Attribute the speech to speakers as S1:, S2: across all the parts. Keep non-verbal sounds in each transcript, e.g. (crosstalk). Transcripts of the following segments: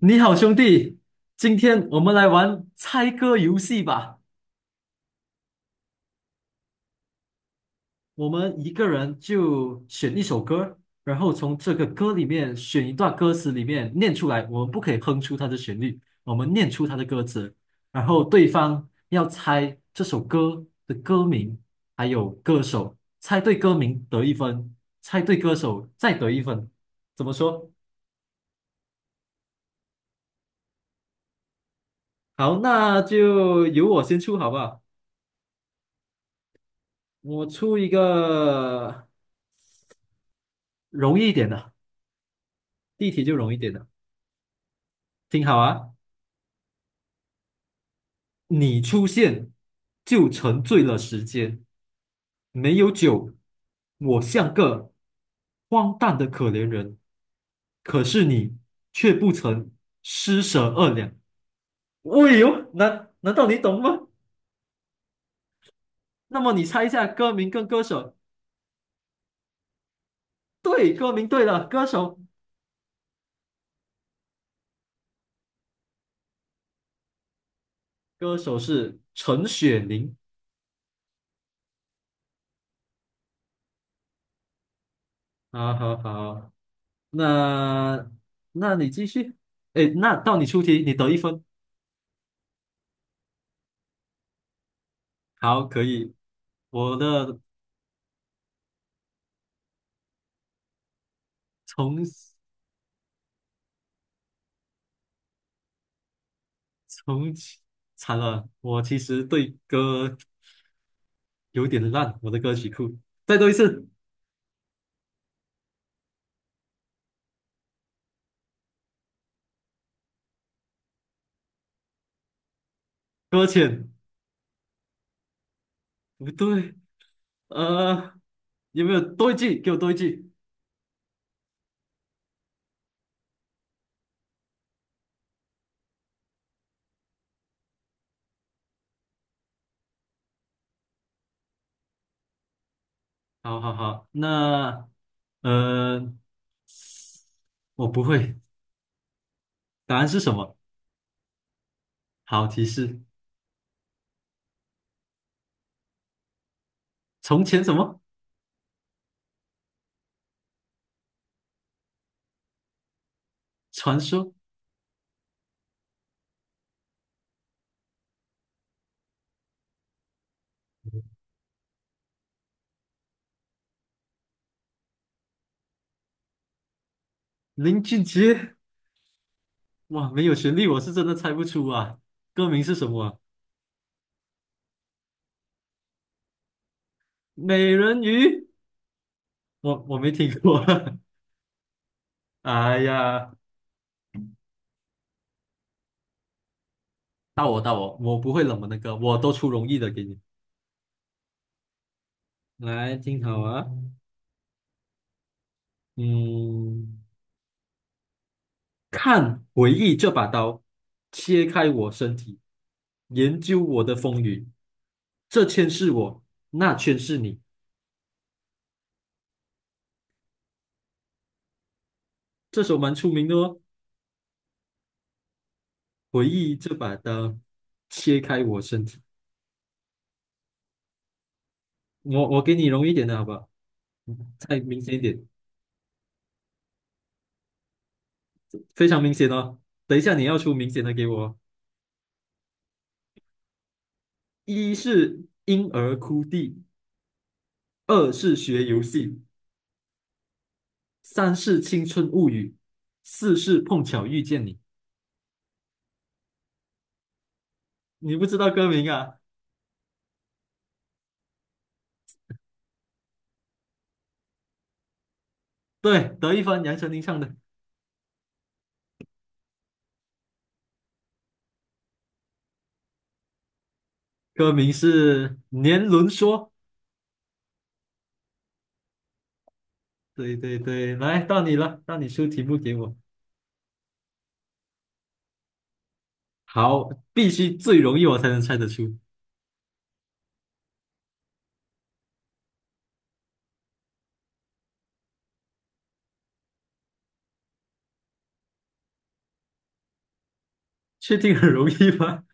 S1: 你好，兄弟，今天我们来玩猜歌游戏吧。我们一个人就选一首歌，然后从这个歌里面选一段歌词里面念出来。我们不可以哼出它的旋律，我们念出它的歌词，然后对方要猜这首歌的歌名还有歌手，猜对歌名得一分，猜对歌手再得一分。怎么说？好，那就由我先出好不好？我出一个容易一点的。第一题就容易点了，听好啊！你出现就沉醉了时间，没有酒，我像个荒诞的可怜人，可是你却不曾施舍二两。喂呦，难道你懂吗？那么你猜一下歌名跟歌手？对，歌名对了，歌手歌手是陈雪凝。好好好，那那你继续。哎，那到你出题，你得一分。好，可以。我的从从惨了，我其实对歌有点烂，我的歌曲库。再多一次，搁浅，不对，呃，有没有多一句？给我多一句。好好好，那呃，我不会，答案是什么？好，提示：从前什么传说？林俊杰？哇，没有旋律，我是真的猜不出啊。歌名是什么啊美人鱼？我没听过。(laughs) 哎呀。到我到我，我不会冷门的歌，我都出容易的给你。来，听好啊，嗯，看回忆这把刀，切开我身体，研究我的风雨，这圈是我，那圈是你。这首蛮出名的哦，回忆这把刀，切开我身体。我给你容易一点的好不好？再明显一点，非常明显哦。等一下你要出明显的给我哦。一是婴儿哭地，二是学游戏。三是青春物语，四是碰巧遇见你。你不知道歌名啊？对，德一帆、杨丞琳唱的，歌名是《年轮说》。对对对，来到你了，到你出题目给我。好，必须最容易我才能猜得出，确定很容易吗？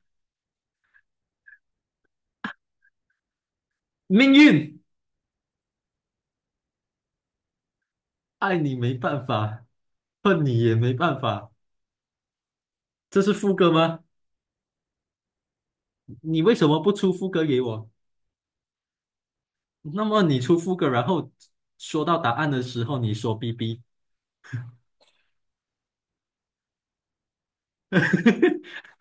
S1: 命运，爱你没办法，恨你也没办法。这是副歌吗？你为什么不出副歌给我？那么你出副歌，然后说到答案的时候，你说 "bb"。(laughs)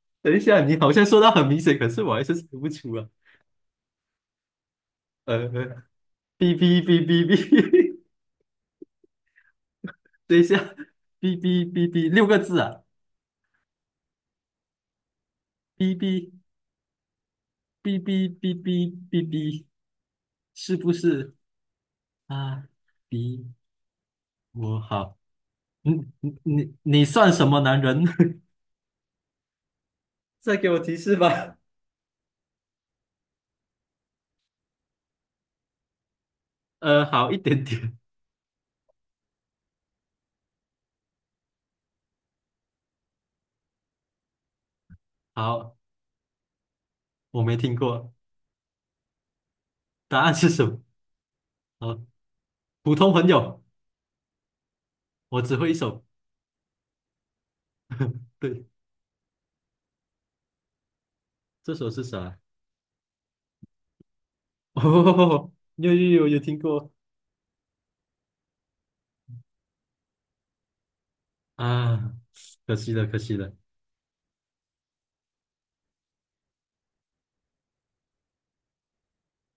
S1: (laughs) 等一下，你好像说到很明显，可是我还是猜不出啊。呃，哔哔哔哔哔，(laughs) 等一下，哔哔哔哔，6个字啊，哔哔哔哔哔哔哔哔，是不是啊？比我好，你你算什么男人？(laughs) 再给我提示吧。好一点点，好，我没听过，答案是什么？好，普通朋友，我只会一首，对，这首是啥？(laughs) 哦，有有有有听过。啊，可惜了，可惜了。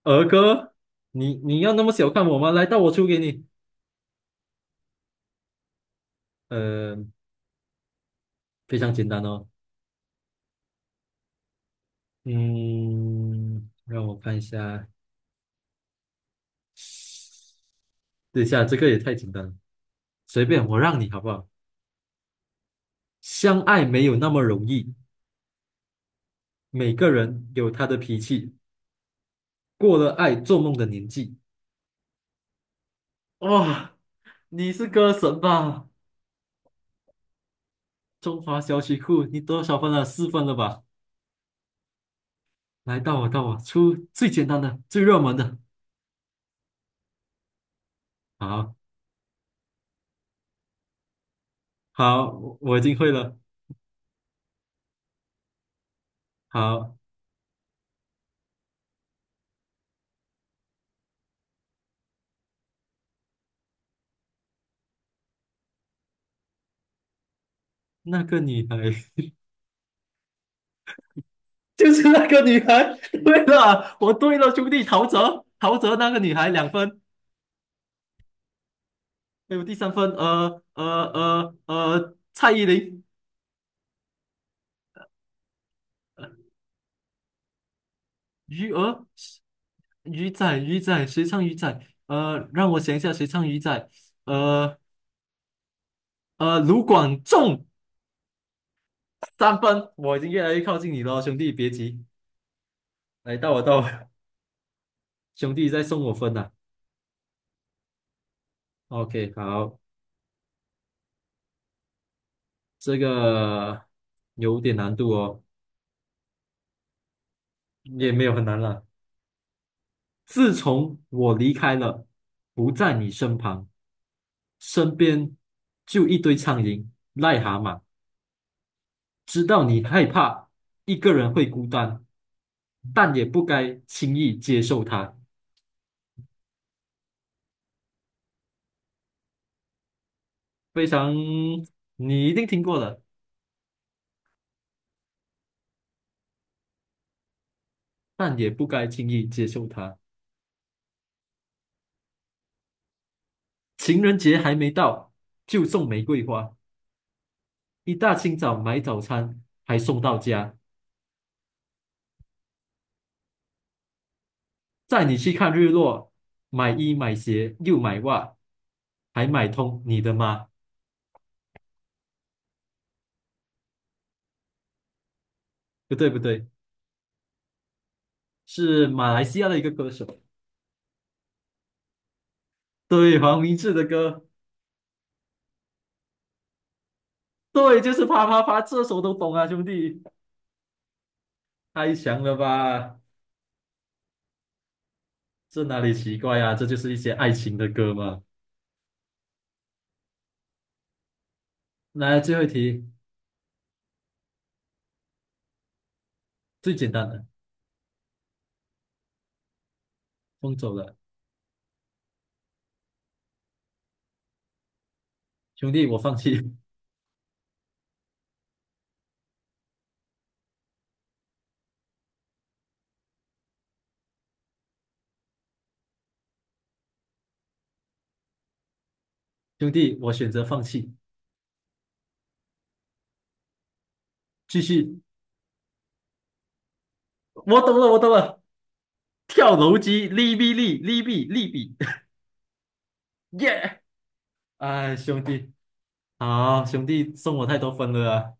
S1: 儿歌，你要那么小看我吗？来到我出给你。呃，非常简单哦。嗯，让我看一下，等一下，这个也太简单了，随便我让你好不好？相爱没有那么容易，每个人有他的脾气，过了爱做梦的年纪。哇、你是歌神吧？中华小曲库，你多少分了？4分了吧？来，到我，到我，出最简单的、最热门的。好。好，我已经会了。好，那个女孩 (laughs) 就是那个女孩。对了，我对了，兄弟，陶喆，陶喆那个女孩2分，还有第三分，蔡依林，鱼儿，鱼仔，鱼仔，谁唱鱼仔？让我想一下，谁唱鱼仔？呃卢广仲三分，我已经越来越靠近你了，兄弟，别急，来到我到我，兄弟在送我分了。OK，好。这个有点难度哦，也没有很难了。自从我离开了，不在你身旁，身边就一堆苍蝇、癞蛤蟆。知道你害怕一个人会孤单，但也不该轻易接受它。非常，你一定听过了，但也不该轻易接受它。情人节还没到，就送玫瑰花；一大清早买早餐，还送到家。带你去看日落，买衣买鞋又买袜，还买通你的妈。不对不对，是马来西亚的一个歌手，对，黄明志的歌，对，就是啪啪啪，这首都懂啊，兄弟，太强了吧？这哪里奇怪啊？这就是一些爱情的歌嘛。来，最后一题，最简单的，风走了，兄弟，我放弃，(laughs) 兄弟，我选择放弃，继续，我懂了，我懂了，跳楼机，利弊利，利弊利弊，(laughs) 耶！哎，兄弟，好，兄弟送我太多分了啊